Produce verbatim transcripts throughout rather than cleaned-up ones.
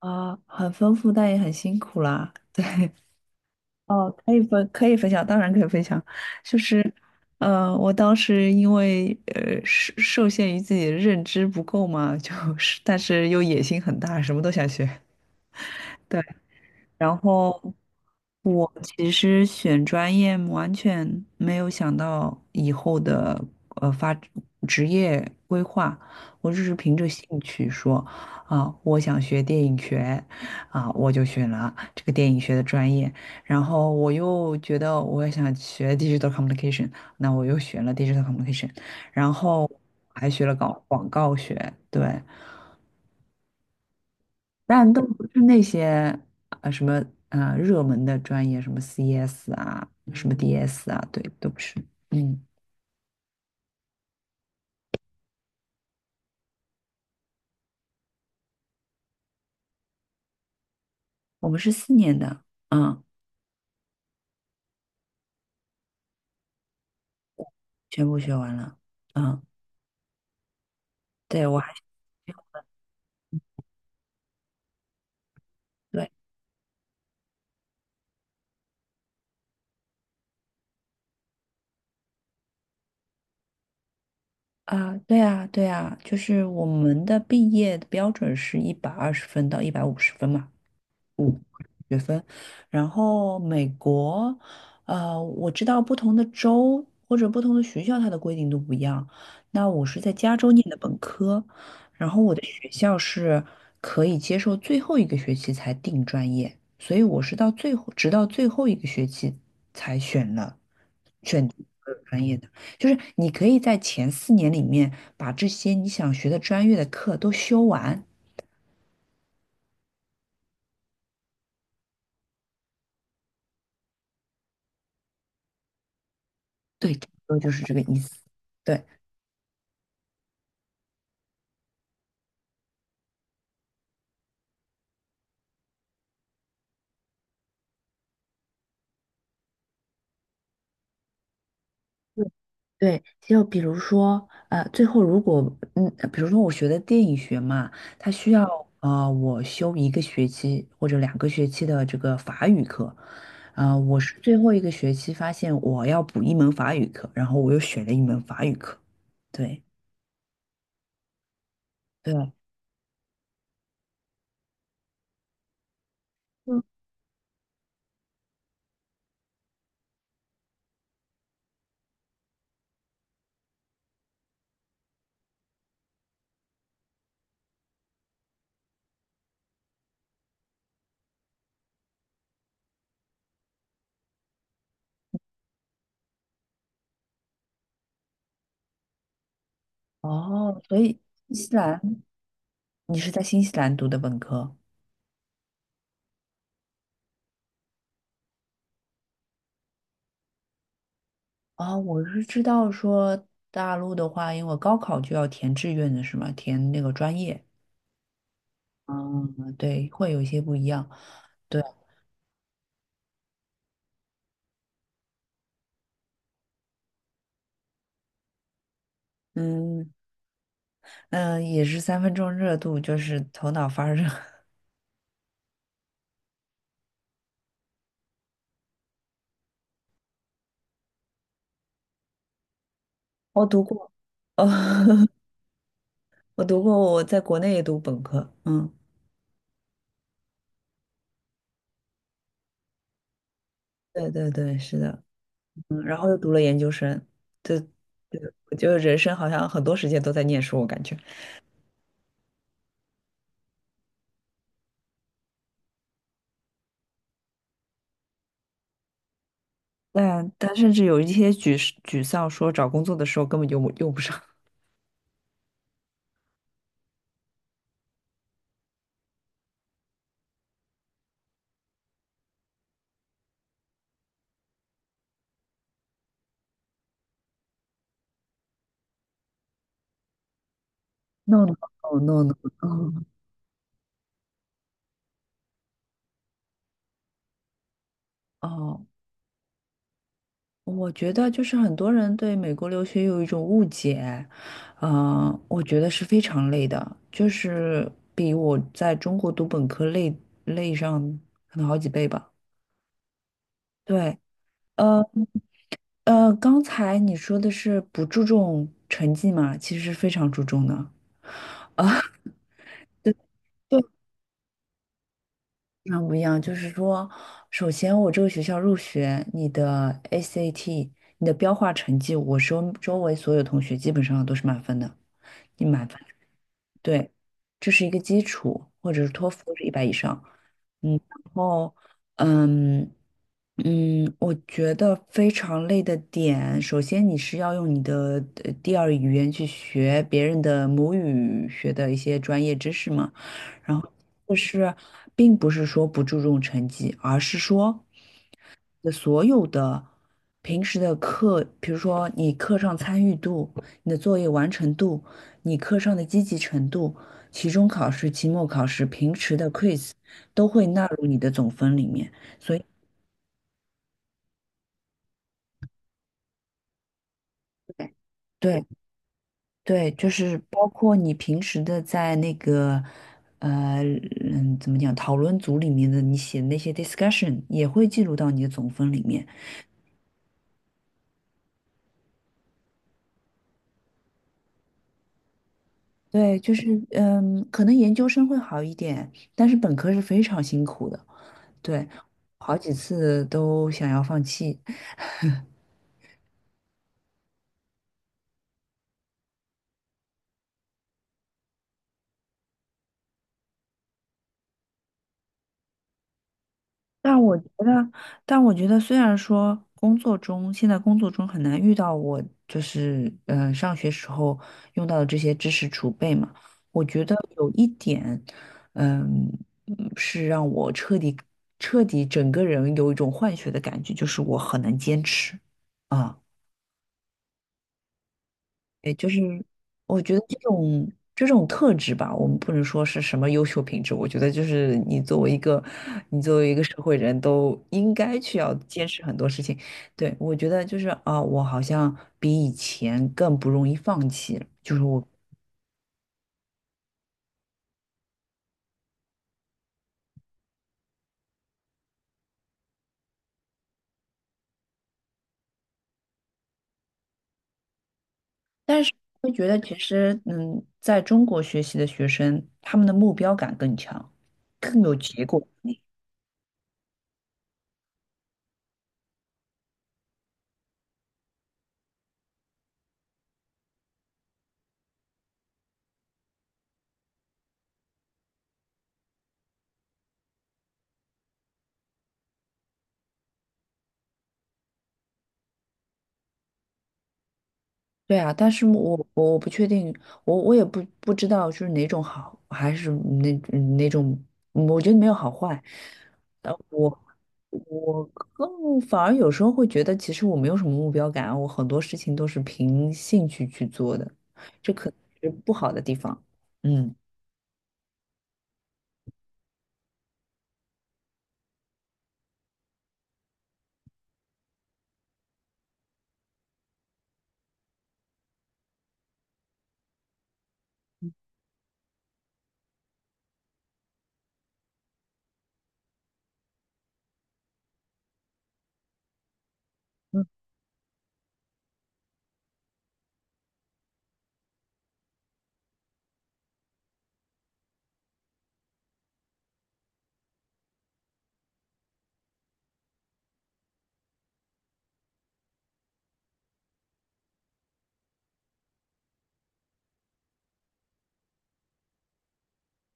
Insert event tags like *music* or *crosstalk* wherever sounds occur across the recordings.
啊，很丰富，但也很辛苦啦。哦，可以分，可以分享，当然可以分享。就是，呃，我当时因为呃受受限于自己的认知不够嘛，就 *laughs* 是但是又野心很大，什么都想学。对。然后我其实选专业完全没有想到以后的呃发职业规划，我只是凭着兴趣说啊，我想学电影学啊，我就选了这个电影学的专业。然后我又觉得我也想学 digital communication,那我又选了 digital communication,然后还学了搞广告学，对，但都不是那些呃什么呃热门的专业，什么 C S 啊，什么 D S 啊，对，都不是。嗯，我们是四年的，嗯，全部学完了。嗯，对，我还对啊，对啊，对啊，就是我们的毕业的标准是一百二十分到一百五十分嘛。五学分，然后美国，呃，我知道不同的州或者不同的学校，它的规定都不一样。那我是在加州念的本科，然后我的学校是可以接受最后一个学期才定专业，所以我是到最后，直到最后一个学期才选了选定这个专业的。就是你可以在前四年里面把这些你想学的专业的课都修完，对，差不多就是这个意思。对。对，就比如说，呃，最后如果，嗯，比如说我学的电影学嘛，它需要呃我修一个学期或者两个学期的这个法语课，啊、我是最后一个学期发现我要补一门法语课，然后我又选了一门法语课，对对，嗯，哦，所以新西兰你是在新西兰读的本科？哦，我是知道说大陆的话，因为高考就要填志愿的是吗？填那个专业。嗯，对，会有一些不一样。嗯嗯，呃也是三分钟热度，就是头脑发热。*laughs* 我读过，哦，*laughs* 我读过，我在国内也读本科。嗯，对对对，是的。嗯，然后又读了研究生。对对，就觉得人生好像很多时间都在念书，我感觉。但但甚至有一些沮沮丧，说找工作的时候根本就用不上。No no no no no。哦，我觉得就是很多人对美国留学有一种误解，呃，我觉得是非常累的，就是比我在中国读本科累累上可能好几倍吧。对，呃呃，刚才你说的是不注重成绩嘛，其实是非常注重的啊，对，非常不一样。就是说，首先我这个学校入学，你的 S A T,你的标化成绩，我周周围所有同学基本上都是满分的，你满分。对，这是一个基础，或者是托福都是一百以上。嗯，然后，嗯嗯，我觉得非常累的点，首先你是要用你的呃第二语言去学别人的母语学的一些专业知识嘛，然后就是并不是说不注重成绩，而是说。的所有的平时的课，比如说你课上参与度、你的作业完成度、你课上的积极程度、期中考试、期末考试、平时的 quiz 都会纳入你的总分里面。所以，对，对对就是包括你平时的在那个呃嗯怎么讲讨论组里面的你写的那些 discussion 也会记录到你的总分里面。对，就是嗯，可能研究生会好一点，但是本科是非常辛苦的。对，好几次都想要放弃，*laughs* 但我觉得，但我觉得虽然说工作中，现在工作中很难遇到我就是嗯、呃上学时候用到的这些知识储备嘛，我觉得有一点，嗯嗯是让我彻底彻底整个人有一种换血的感觉，就是我很能坚持啊。我觉得这种这种特质吧，我们不能说是什么优秀品质，我觉得就是你作为一个你作为一个社会人都应该去要坚持很多事情。对，我觉得就是啊，我好像比以前更不容易放弃了，就是我，但是会觉得其实嗯，在中国学习的学生，他们的目标感更强，更有结果。对啊，但是我我我不确定，我我也不不知道就是哪种好，还是哪哪种，嗯我觉得没有好坏。呃，我我更反而有时候会觉得，其实我没有什么目标感，我很多事情都是凭兴趣去做的，这可能是不好的地方。嗯，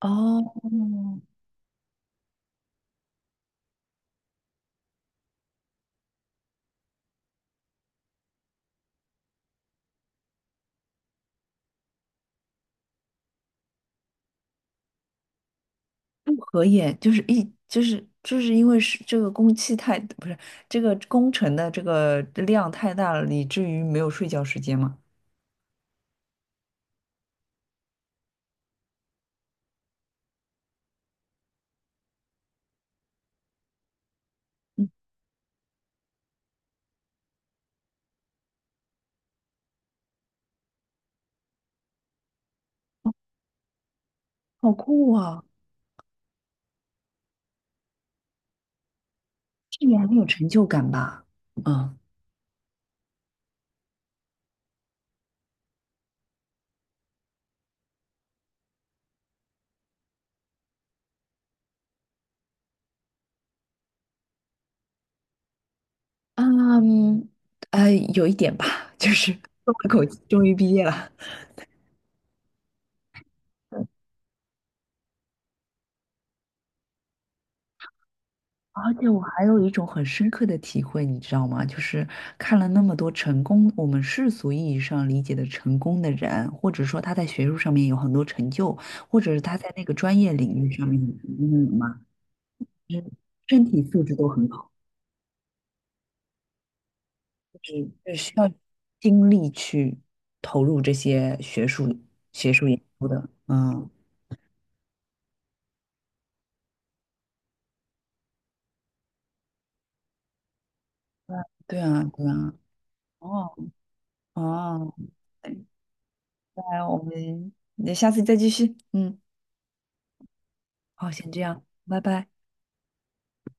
哦，不合眼就是一就是就是因为是这个工期太，不是这个工程的这个量太大了，以至于没有睡觉时间嘛。好酷啊！这也很有成就感吧？嗯嗯，呃，有一点吧，就是松了口气，终于毕业了。而且我还有一种很深刻的体会，你知道吗？就是看了那么多成功，我们世俗意义上理解的成功的人，或者说他在学术上面有很多成就，或者是他在那个专业领域上面很成功的人嘛，就是身体素质都很好。是需要精力去投入这些学术学术研究的。嗯，对啊，对啊。哦哦，那我们那下次再继续。嗯，好，先这样，拜拜。